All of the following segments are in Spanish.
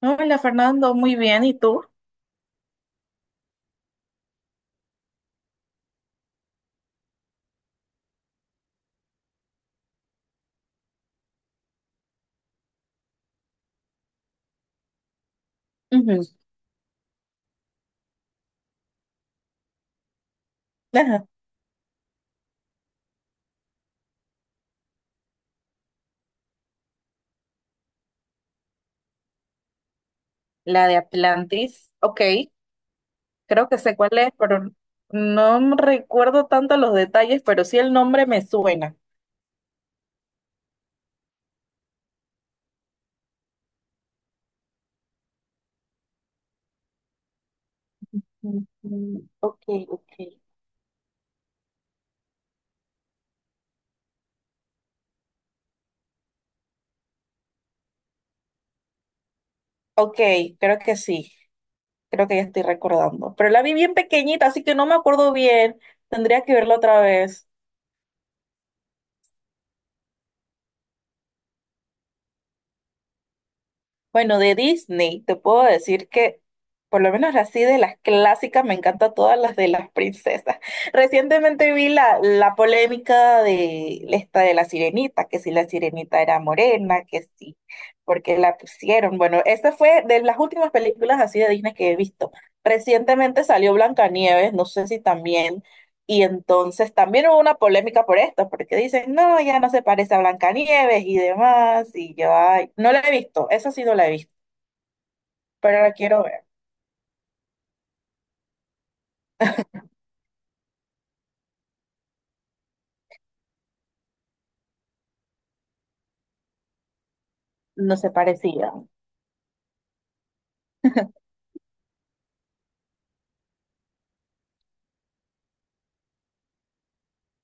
Hola Fernando, muy bien. ¿Y tú? Ujú. Ajá. La de Atlantis. Ok, creo que sé cuál es, pero no me recuerdo tanto los detalles, pero sí el nombre me suena. Ujú. Ok, ok. Ok, creo que sí. Creo que ya estoy recordando. Pero la vi bien pequeñita, así que no me acuerdo bien. Tendría que verla otra vez. Bueno, de Disney, te puedo decir que, por lo menos así de las clásicas, me encantan todas las de las princesas. Recientemente vi la polémica de esta de la sirenita, que si la sirenita era morena, que sí, porque la pusieron. Bueno, esta fue de las últimas películas así de Disney que he visto. Recientemente salió Blancanieves, no sé si también, y entonces también hubo una polémica por esto, porque dicen, no, ya no se parece a Blancanieves y demás, y yo, ay, no la he visto, eso sí no la he visto, pero la quiero ver. No se parecía.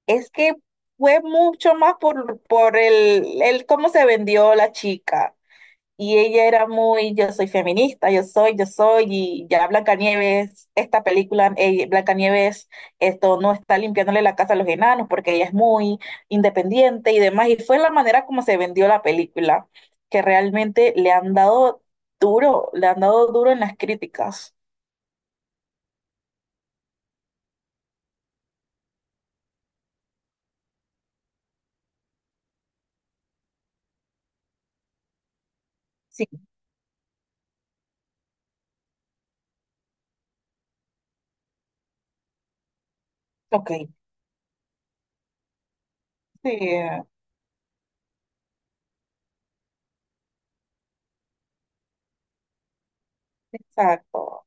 Es que fue mucho más por, por el cómo se vendió la chica. Y ella era muy, yo soy feminista, yo soy, y ya Blancanieves, esta película, Blancanieves, esto no está limpiándole la casa a los enanos porque ella es muy independiente y demás. Y fue la manera como se vendió la película, que realmente le han dado duro, le han dado duro en las críticas. Sí, ok, sí, exacto.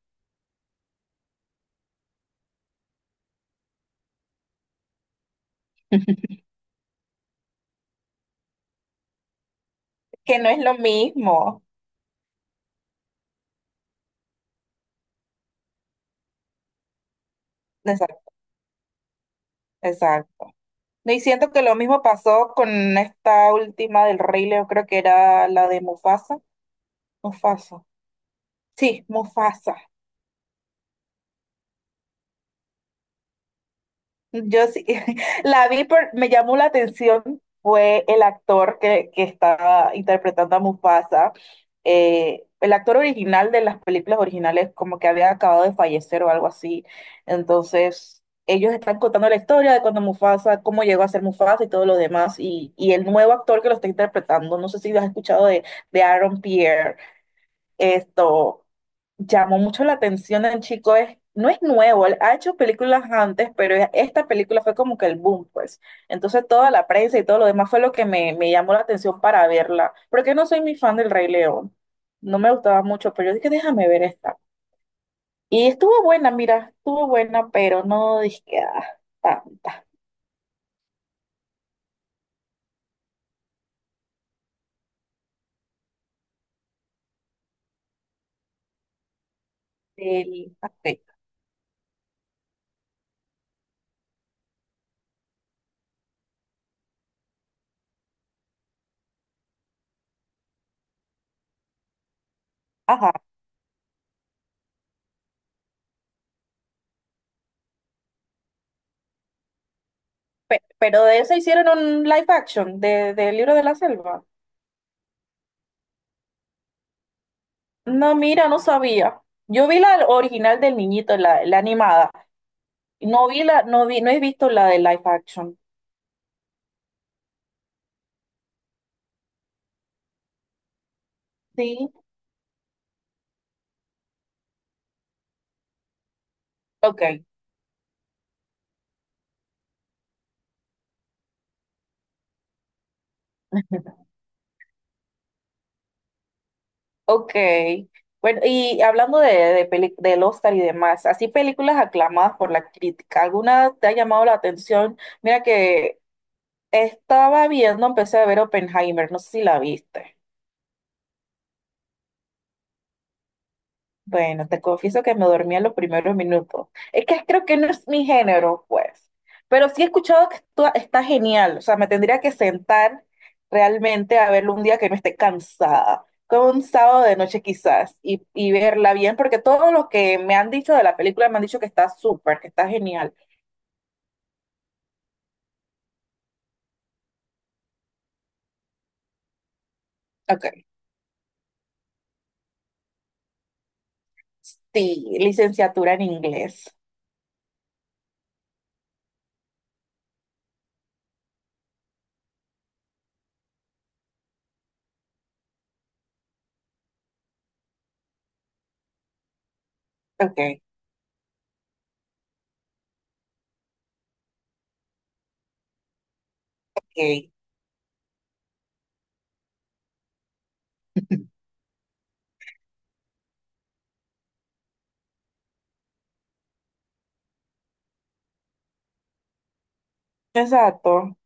Que no es lo mismo. Exacto, exacto. No, y siento que lo mismo pasó con esta última del Rey León, creo que era la de Mufasa. Mufasa. Sí, Mufasa. Yo sí, la vi, por, me llamó la atención, fue el actor que estaba interpretando a Mufasa. El actor original de las películas originales como que había acabado de fallecer o algo así. Entonces, ellos están contando la historia de cuando Mufasa, cómo llegó a ser Mufasa y todo lo demás. Y el nuevo actor que lo está interpretando, no sé si lo has escuchado de Aaron Pierre. Esto llamó mucho la atención del chico, es, no es nuevo, él ha hecho películas antes, pero esta película fue como que el boom, pues. Entonces toda la prensa y todo lo demás fue lo que me llamó la atención para verla, porque no soy muy fan del Rey León, no me gustaba mucho, pero yo dije, déjame ver esta. Y estuvo buena, mira, estuvo buena, pero no dije que ah, tanta del aspecto. Ajá, pero de eso hicieron un live action de, del libro de la selva. No, mira, no sabía. Yo vi la original del niñito, la animada. No vi la, no vi, no he visto la de live action. Sí. Ok, ok. Bueno, y hablando de, del Oscar y demás, así películas aclamadas por la crítica, ¿alguna te ha llamado la atención? Mira que estaba viendo, empecé a ver Oppenheimer, no sé si la viste. Bueno, te confieso que me dormía en los primeros minutos. Es que creo que no es mi género, pues. Pero sí he escuchado que esto está genial. O sea, me tendría que sentar realmente a verlo un día que no esté cansada. Como un sábado de noche quizás. Y verla bien, porque todo lo que me han dicho de la película me han dicho que está súper, que está genial. Ok. Sí, licenciatura en inglés. Ok, ok. Exacto.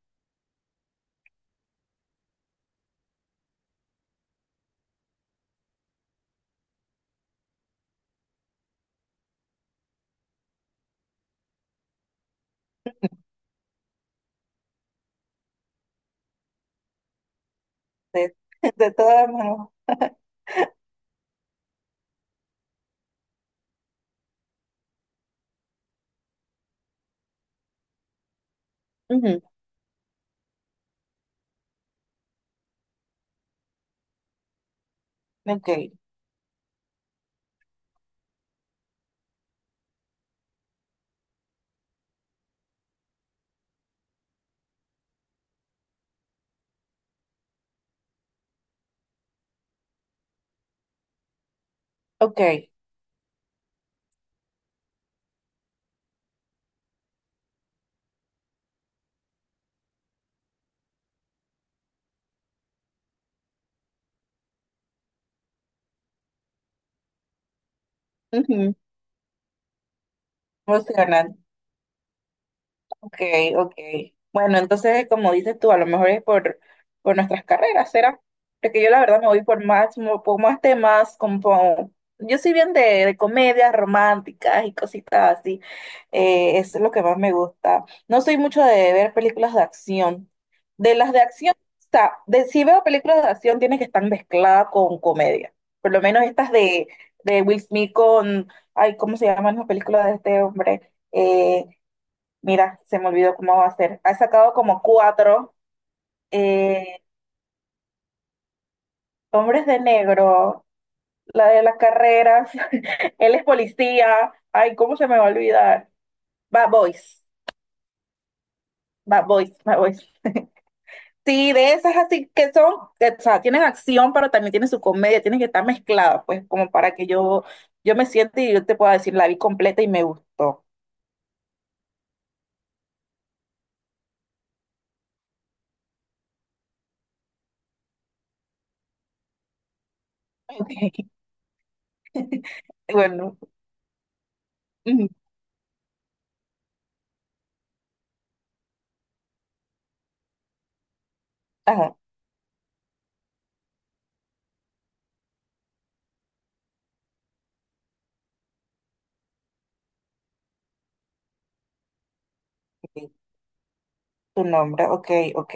De, de todas maneras. Ujú. Ok, ok. Ujú. Emocionante. Ok, ok. Bueno, entonces, como dices tú, a lo mejor es por nuestras carreras, ¿será? Porque yo la verdad me voy por más, por más temas, como yo soy bien de comedias románticas y cositas así. Eso es lo que más me gusta. No soy mucho de ver películas de acción. De las de acción, o sea, de, si veo películas de acción, tiene que estar mezclada con comedia. Por lo menos estas de Will Smith con, ay, ¿cómo se llaman las películas de este hombre? Eh, Mira, se me olvidó cómo va a ser. Ha sacado como cuatro. eh, Hombres de Negro, la de las carreras. Él es policía. Ay, ¿cómo se me va a olvidar? Bad Boys. Bad Boys, Bad Boys. Sí, de esas así que son, que, o sea, tienen acción, pero también tienen su comedia, tienen que estar mezcladas, pues, como para que yo me siente y yo te pueda decir, la vi completa y me gustó. Ok. Bueno, ujú, ajá, ok, tu nombre, ok, ok.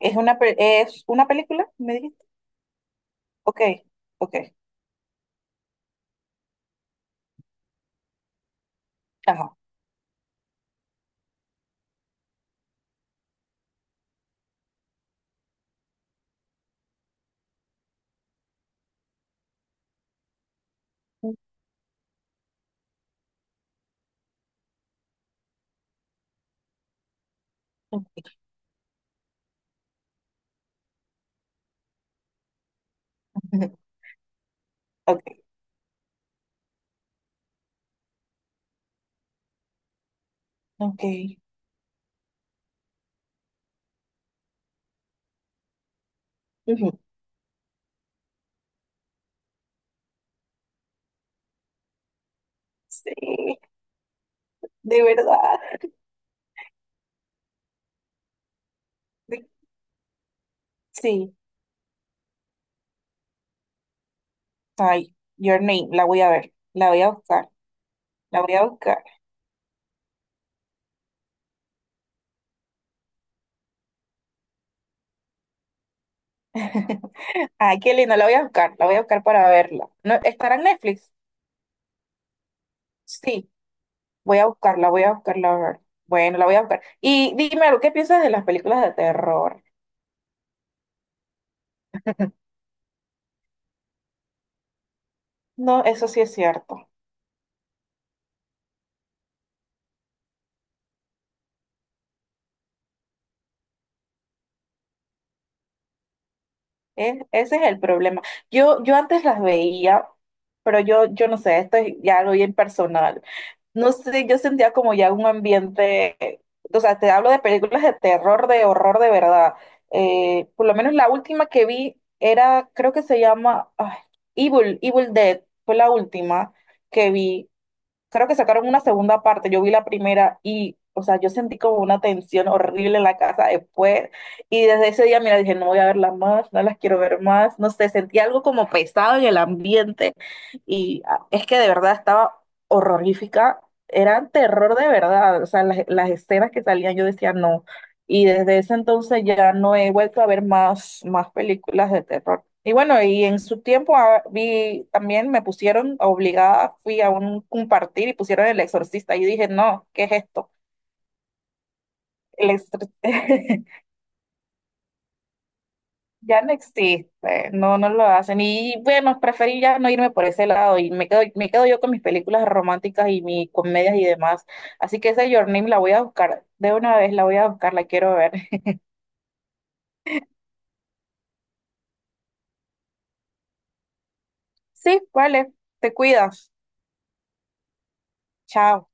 ¿Es una, es una película? ¿Me dijiste? Ok, ok, ajá. Ok, ok. Ujú. Sí, de verdad. de- Sí, ay, Your Name, la voy a ver, la voy a buscar, la voy a buscar. Ay, qué lindo, la voy a buscar, la voy a buscar para verla. ¿No, estará en Netflix? Sí, voy a buscarla a ver. Bueno, la voy a buscar. Y dime algo, ¿qué piensas de las películas de terror? No, eso sí es cierto. Ese es el problema. Yo antes las veía, pero yo no sé, esto es ya algo bien personal. No sé, yo sentía como ya un ambiente, o sea, te hablo de películas de terror, de horror de verdad. Por lo menos la última que vi era, creo que se llama ay, Evil, Evil Dead, fue la última que vi. Creo que sacaron una segunda parte, yo vi la primera y, o sea, yo sentí como una tensión horrible en la casa después y desde ese día, mira, dije, no voy a verla más, no las quiero ver más, no sé, sentí algo como pesado en el ambiente y ah, es que de verdad estaba horrorífica, era terror de verdad, o sea, las escenas que salían yo decía no, y desde ese entonces ya no he vuelto a ver más, más películas de terror. Y bueno, y en su tiempo ah, vi también me pusieron obligada, fui a un compartir y pusieron El Exorcista. Y dije, no, ¿qué es esto? El ya no existe, no, no lo hacen. Y bueno, preferí ya no irme por ese lado y me quedo yo con mis películas románticas y mis comedias y demás. Así que esa Your Name la voy a buscar, de una vez la voy a buscar, la quiero ver. Sí, vale, te cuidas. Chao.